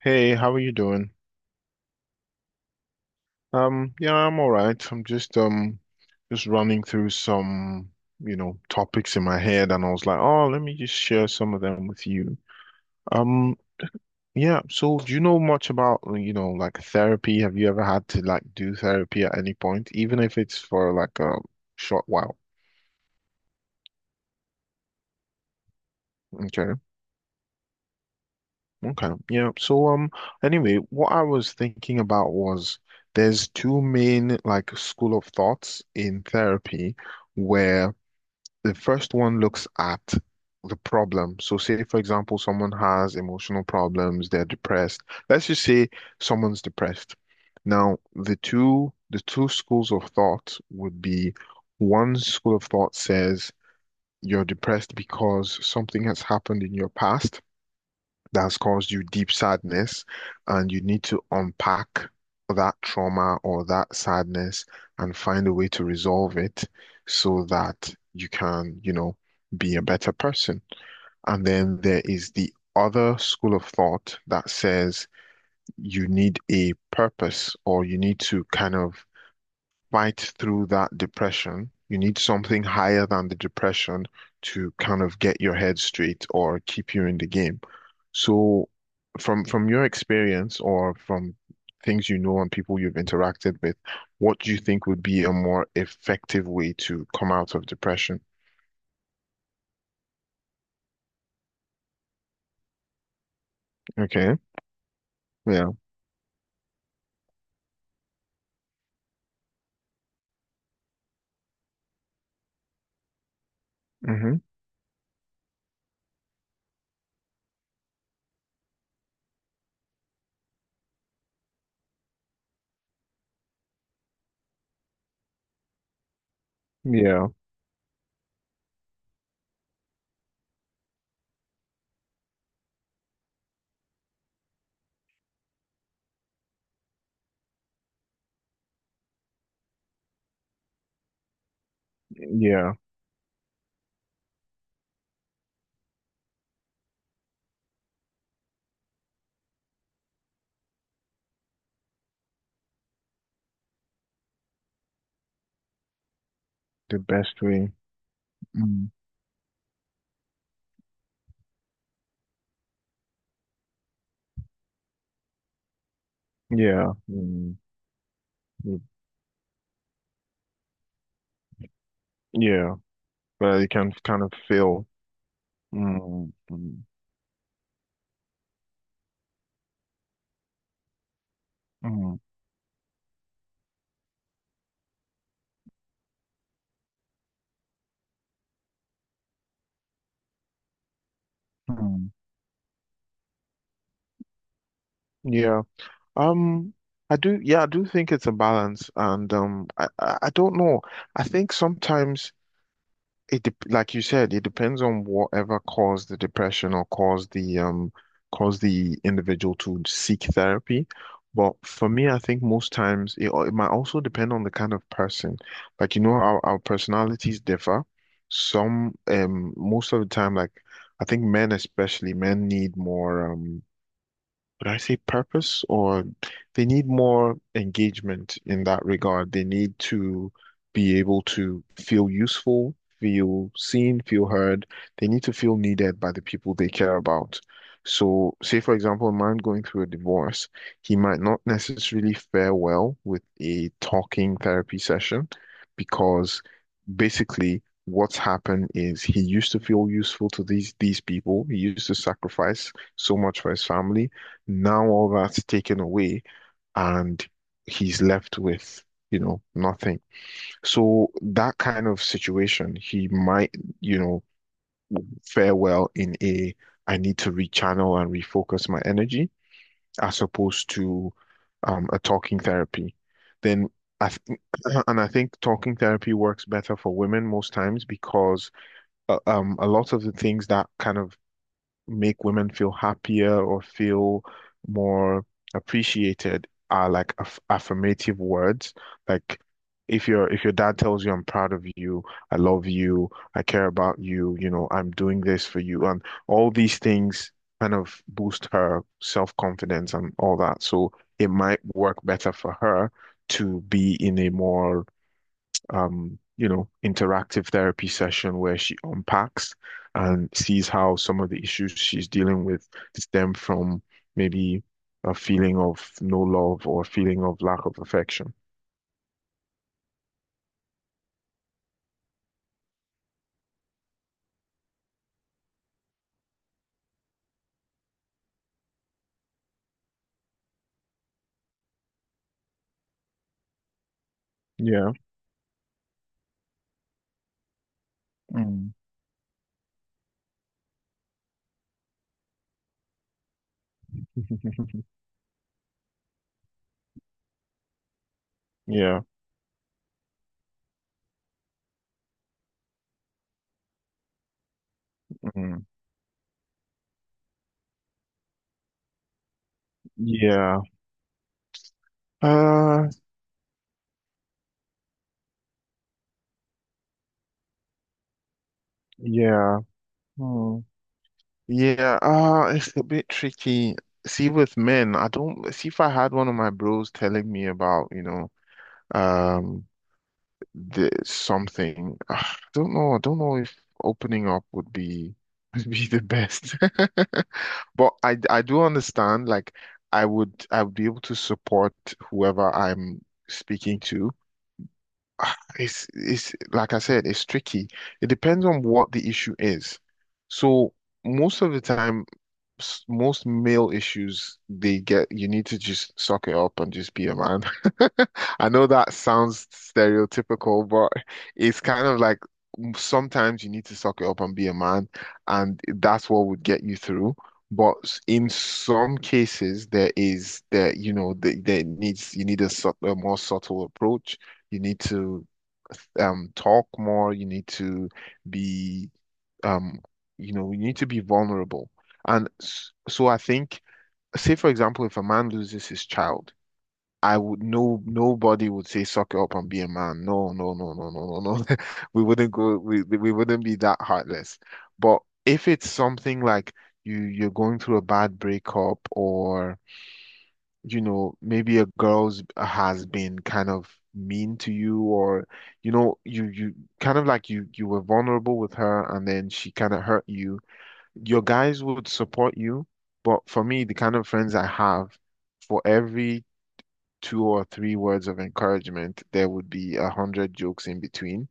Hey, how are you doing? Yeah, I'm all right. I'm just running through some topics in my head and I was like, "Oh, let me just share some of them with you." Um, yeah, so do you know much about, you know, like therapy? Have you ever had to like do therapy at any point, even if it's for like a short while? Okay. Okay. Yeah. So anyway, what I was thinking about was there's two main like school of thoughts in therapy where the first one looks at the problem. So, say, for example, someone has emotional problems, they're depressed. Let's just say someone's depressed. Now, the two schools of thought would be one school of thought says you're depressed because something has happened in your past, that has caused you deep sadness, and you need to unpack that trauma or that sadness and find a way to resolve it so that you can, you know, be a better person. And then there is the other school of thought that says you need a purpose or you need to kind of fight through that depression. You need something higher than the depression to kind of get your head straight or keep you in the game. So from your experience or from things you know and people you've interacted with, what do you think would be a more effective way to come out of depression? Okay. Yeah. Mm-hmm. Yeah. Yeah. The best way. Mm. Yeah. Mm. Yeah. But you can kind of feel. Mm. Mm. Mm. Hmm. Yeah. Um, I do, yeah, I do think it's a balance and um, I I don't know. I think sometimes it dep like you said, it depends on whatever caused the depression or caused the individual to seek therapy. But for me, I think most times it, al- it might also depend on the kind of person. Like you know, our personalities differ. Some most of the time, like I think men especially, men need more would I say purpose or they need more engagement in that regard. They need to be able to feel useful, feel seen, feel heard. They need to feel needed by the people they care about. So, say for example, a man going through a divorce, he might not necessarily fare well with a talking therapy session because basically what's happened is he used to feel useful to these people. He used to sacrifice so much for his family now all that's taken away and he's left with, you know, nothing. So that kind of situation, he might, you know, fare well in a I need to rechannel and refocus my energy as opposed to a talking therapy. Then I th and I think talking therapy works better for women most times because a lot of the things that kind of make women feel happier or feel more appreciated are like aff affirmative words. Like if your dad tells you I'm proud of you, I love you, I care about you, you know, I'm doing this for you, and all these things kind of boost her self-confidence and all that. So it might work better for her to be in a more you know, interactive therapy session where she unpacks and sees how some of the issues she's dealing with stem from maybe a feeling of no love or a feeling of lack of affection. Yeah. Mm. Yeah. Mm. Yeah. Uh, yeah. Hmm. Yeah. It's a bit tricky. See, with men, I don't see if I had one of my bros telling me about, you know, um there's something. I don't know. I don't know if opening up would be would be the best. But I do understand. Like I would be able to support whoever I'm speaking to. Ah, it's like I said, it's tricky. It depends on what the issue is. So most of the time, s- most male issues they get you need to just suck it up and just be a man. I know that sounds stereotypical, but it's kind of like sometimes you need to suck it up and be a man, and that's what would get you through. But s- in some cases, there is that you know that there needs you need a, sub- a more subtle approach. You need to talk more. You need to be um, you know, we need to be vulnerable. And s- so I think, say for example, if a man loses his child, I would no nobody would say suck it up and be a man. No, no, no, no, no, no, no. We wouldn't go. We wouldn't be that heartless. But if it's something like you you're going through a bad breakup or you know maybe a girl's has been kind of mean to you or you know you kind of like you were vulnerable with her and then she kind of hurt you your guys would support you, but for me, the kind of friends I have, for every 2 or 3 words of encouragement, there would be 100 jokes in between.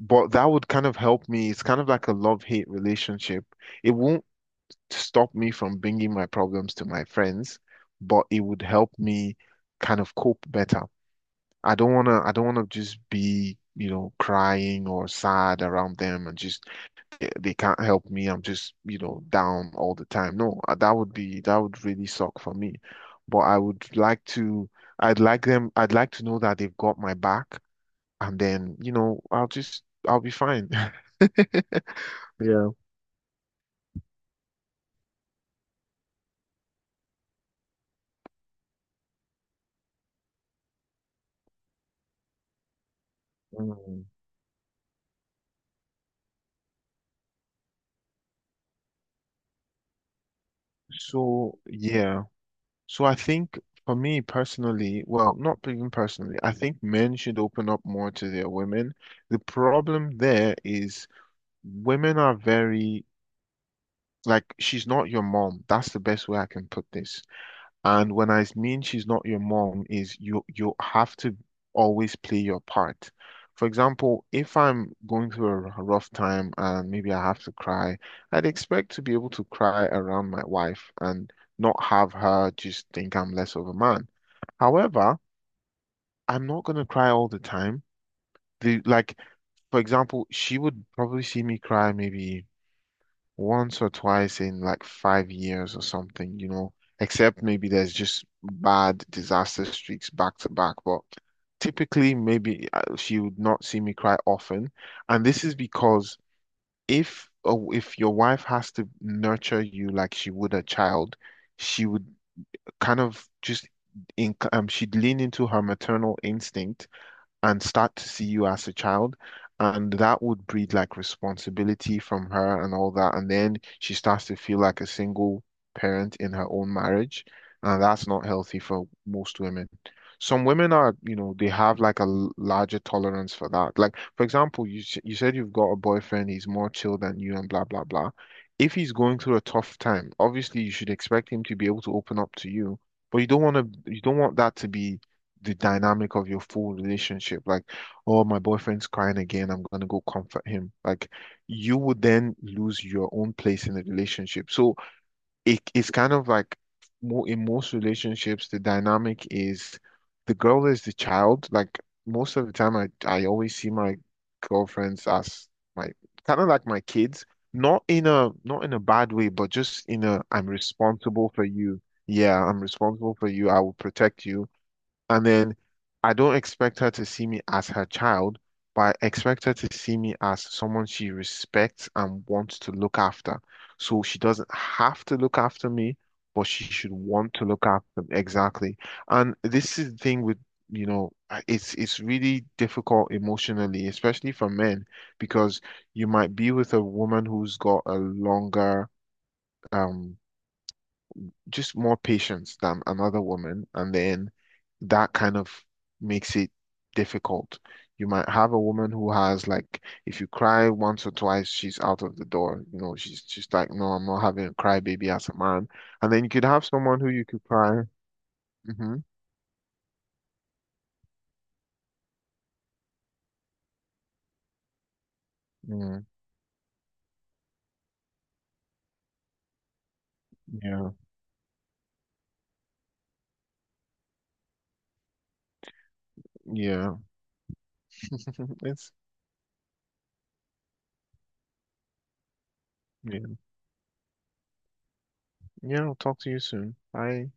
But that would kind of help me. It's kind of like a love-hate relationship. It won't stop me from bringing my problems to my friends, but it would help me kind of cope better. I don't wanna just be, you know, crying or sad around them and just they can't help me. I'm just, you know, down all the time. No, that would be that would really suck for me. But I'd like them, I'd like to know that they've got my back, and then, you know, I'll be fine. Yeah. Mm. So, yeah. So I think for me personally, well, not even personally, I think men should open up more to their women. The problem there is women are very like, she's not your mom. That's the best way I can put this. And when I mean she's not your mom, is you have to always play your part. For example, if I'm going through a r- rough time and maybe I have to cry, I'd expect to be able to cry around my wife and not have her just think I'm less of a man. However, I'm not gonna cry all the time. The like, for example, she would probably see me cry maybe once or twice in like 5 years or something, you know, except maybe there's just bad disaster streaks back to back. But typically, maybe she would not see me cry often. And this is because if your wife has to nurture you like she would a child, she would kind of just she'd lean into her maternal instinct and start to see you as a child. And that would breed like responsibility from her and all that. And then she starts to feel like a single parent in her own marriage. And that's not healthy for most women. Some women are, you know, they have like a l- larger tolerance for that. Like, for example, you said you've got a boyfriend, he's more chill than you and blah, blah, blah. If he's going through a tough time, obviously you should expect him to be able to open up to you, but you don't want that to be the dynamic of your full relationship. Like, oh, my boyfriend's crying again. I'm gonna go comfort him. Like, you would then lose your own place in the relationship. So it's kind of like more in most relationships, the dynamic is the girl is the child. Like most of the time, I always see my girlfriends as my kind of like my kids. Not in a bad way, but just in a I'm responsible for you. Yeah, I'm responsible for you. I will protect you. And then I don't expect her to see me as her child, but I expect her to see me as someone she respects and wants to look after. So she doesn't have to look after me, but she should want to look after me. Exactly. And this is the thing with, you know, it's really difficult emotionally, especially for men, because you might be with a woman who's got a longer um just more patience than another woman, and then that kind of makes it difficult. You might have a woman who has like, if you cry once or twice, she's out of the door. You know, she's just like, no, I'm not having a cry baby as a man. And then you could have someone who you could cry. Hmm. Yeah, yeah, yeah. It's yeah. Yeah, I'll talk to you soon. Bye.